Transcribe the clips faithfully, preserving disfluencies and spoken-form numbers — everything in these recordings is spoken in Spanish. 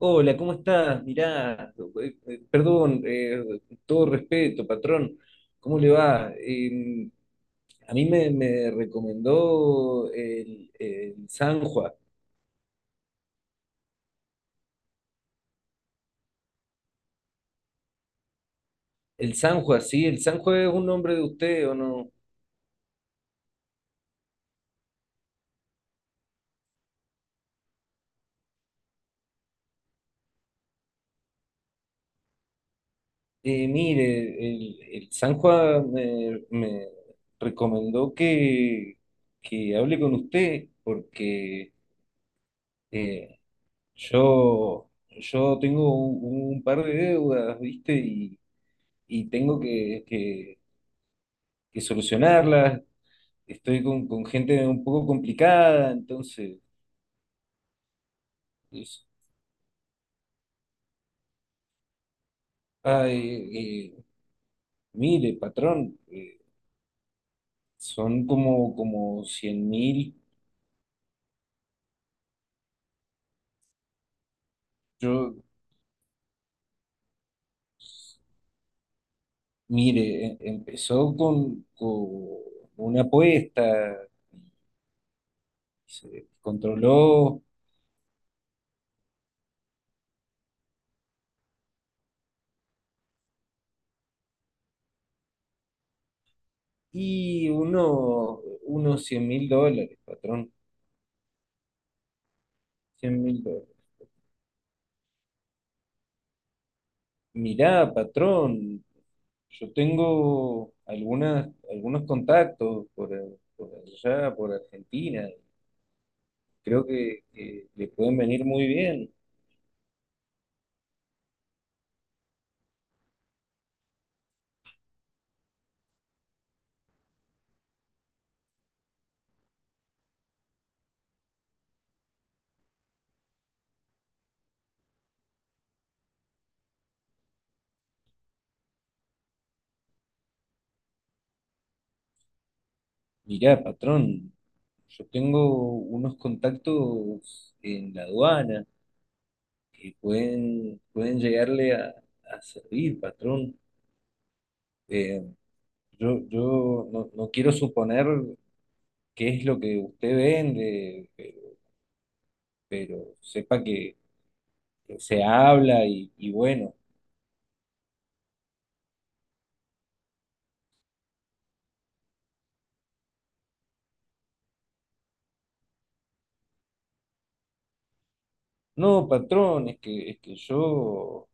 Hola, ¿cómo estás? Mirá, eh, eh, perdón, eh, todo respeto, patrón, ¿cómo le va? Eh, a mí me, me recomendó el, el Sanjua. El Sanjua, sí, el Sanjua es un nombre de usted, ¿o no? Eh, mire, el, el Sanjua me, me recomendó que, que hable con usted porque eh, yo, yo tengo un, un par de deudas, ¿viste? y y tengo que, que- que solucionarlas. Estoy con, con gente un poco complicada, entonces, es, ay, eh, mire, patrón, eh, son como, como cien mil. Yo, mire, em- empezó con, con una apuesta, se controló y uno, unos cien mil dólares, patrón, cien mil. Mirá, patrón, yo tengo algunas, algunos contactos por, a- por allá, por Argentina. Creo que, que le pueden venir muy bien. Mirá, patrón, yo tengo unos contactos en la aduana que pueden, pueden llegarle a, a servir, patrón. Eh, yo yo no, no quiero suponer qué es lo que usted vende, pero, pero sepa que que se habla y y bueno. No, patrón, es que, es que yo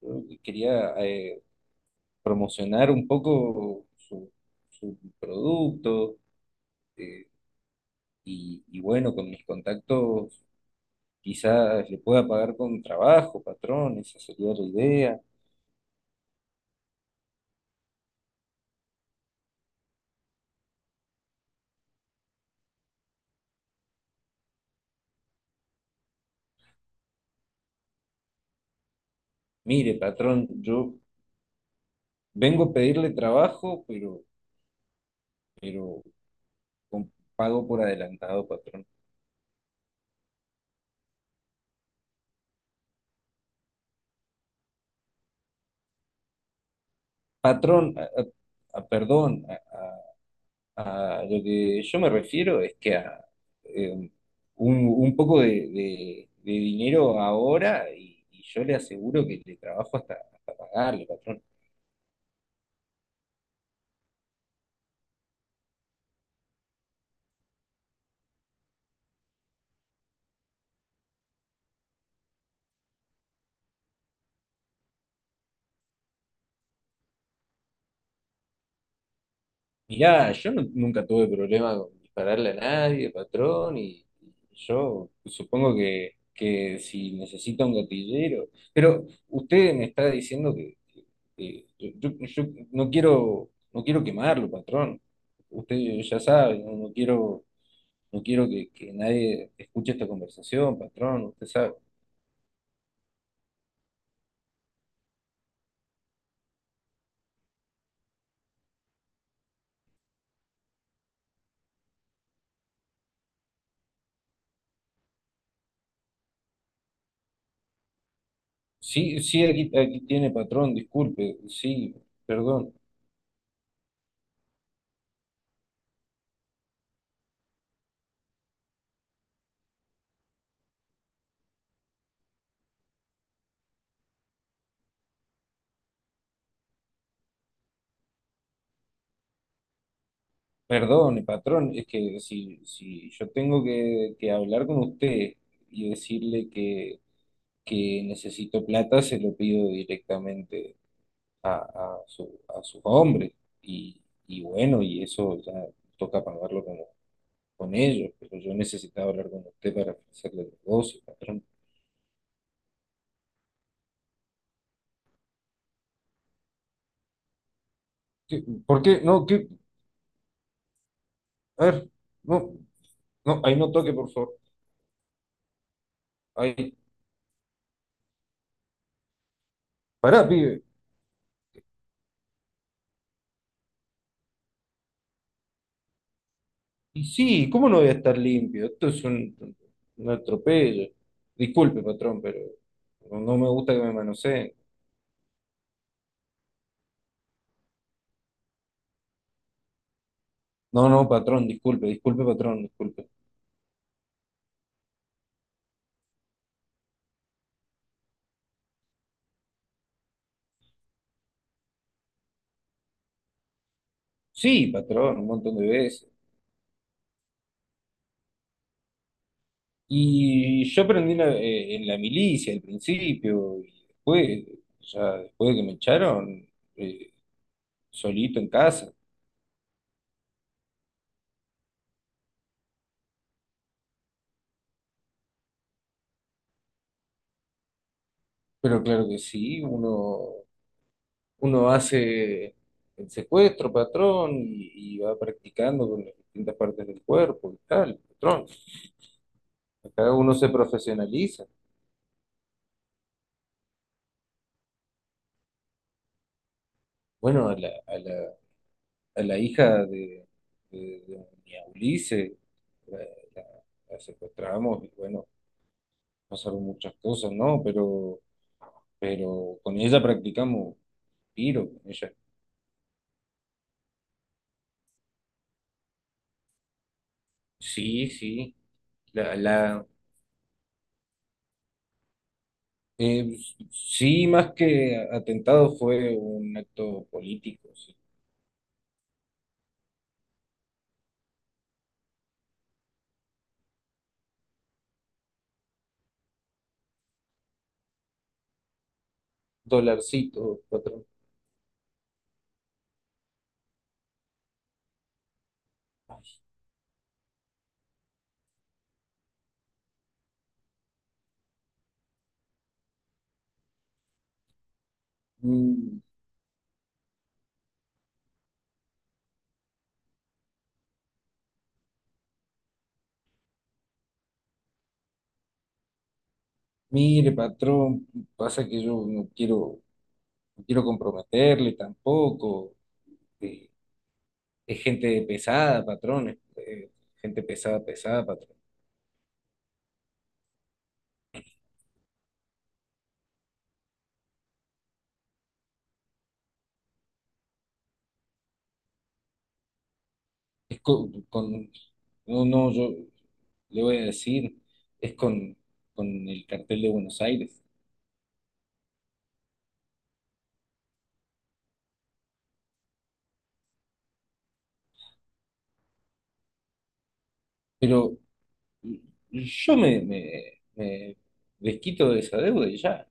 yo quería eh, promocionar un poco su, su producto, eh, y, y bueno, con mis contactos quizás le pueda pagar con trabajo, patrón, esa sería la idea. Mire, patrón, yo vengo a pedirle trabajo, pero, pero con pago por adelantado, patrón. Patrón, a- a- a- perdón, a- A lo que yo me refiero es que a eh, un, un poco de, de- de dinero ahora, y, y yo le aseguro que le trabajo hasta, hasta pagarle, patrón. Mirá, yo nu- nunca tuve problema con dispararle a nadie, patrón, y, y yo supongo que, que si necesita un gatillero, pero usted me está diciendo que, que yo, yo- yo no quiero, no quiero quemarlo, patrón. Usted ya sabe. No no quiero No quiero que, que nadie escuche esta conversación, patrón, usted sabe. Sí, sí, aquí, aquí tiene, patrón, disculpe, sí, perdón, perdone, patrón, es que si, si yo tengo que, que hablar con usted y decirle que, que necesito plata, se lo pido directamente a, a, su, a sus hombres. Y, y bueno, y eso ya toca pagarlo con, con ellos, pero yo necesitaba hablar con usted para hacerle el negocio, patrón. ¿Qué- ¿Por qué? No, ¿qué, a ver, no, no, ahí no toque, por favor. Ahí, pará, pibe. Y sí, ¿cómo no voy a estar limpio? Esto es un, un atropello. Disculpe, patrón, pero no, no me gusta que me manoseen. No, no, patrón, disculpe, disculpe, patrón, disculpe. Sí, patrón, un montón de veces. Y yo aprendí en la, eh, en la milicia al principio, y después, ya después de que me echaron, eh, solito en casa. Pero claro que sí, uno. Uno hace el secuestro, patrón, y, y va practicando con las distintas partes del cuerpo y tal, patrón. Cada uno se profesionaliza. Bueno, a la, a la, a la hija de, de, de mi Ulises la, la- la secuestramos y bueno, pasaron muchas cosas, ¿no? Pero, pero con ella practicamos tiro, con ella. Sí, sí. La, la, eh, sí, más que atentado fue un acto político, sí. Dolarcito, patrón. Mm, Mire, patrón, pasa que yo no quiero, no quiero comprometerle tampoco. Eh, Es gente pesada, patrón. es, eh, gente pesada, pesada, patrón. Es co- con, no, no, yo le voy a decir, es con, con el cartel de Buenos Aires. Pero yo me, me, me desquito de esa deuda y ya.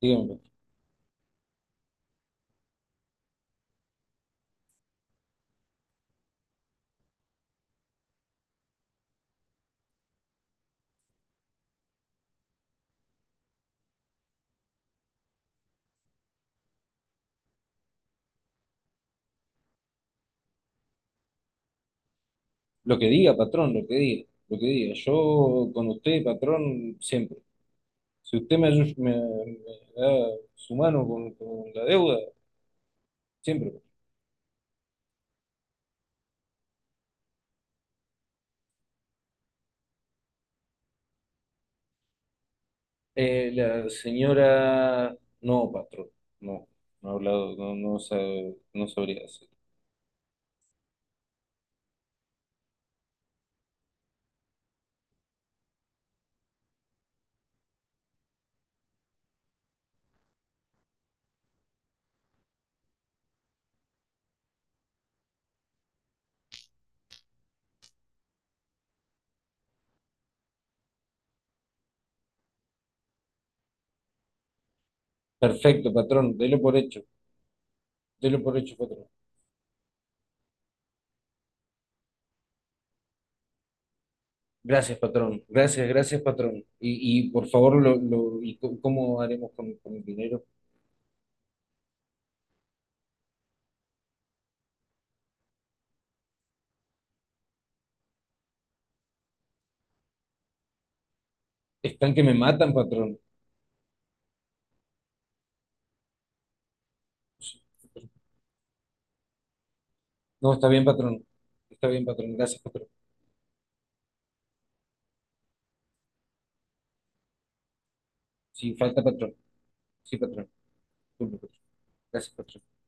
Dígame. Lo que diga, patrón, lo que diga, lo que diga. Yo con usted, patrón, siempre. Si usted me, ayu- me- me da su mano con, con la deuda, siempre. Eh, la señora, no, patrón, no, no ha hablado, no, no, sabe- no sabría decir. Perfecto, patrón, delo por hecho, delo por hecho, patrón. Gracias, patrón, gracias, gracias, patrón. Y, y por favor, lo, lo- ¿y cómo cómo haremos con, con el dinero? Están que me matan, patrón. No, está bien, patrón. Está bien, patrón. Gracias, patrón. Sí falta, patrón. Sí, patrón. Disculpe, patrón. Gracias, patrón.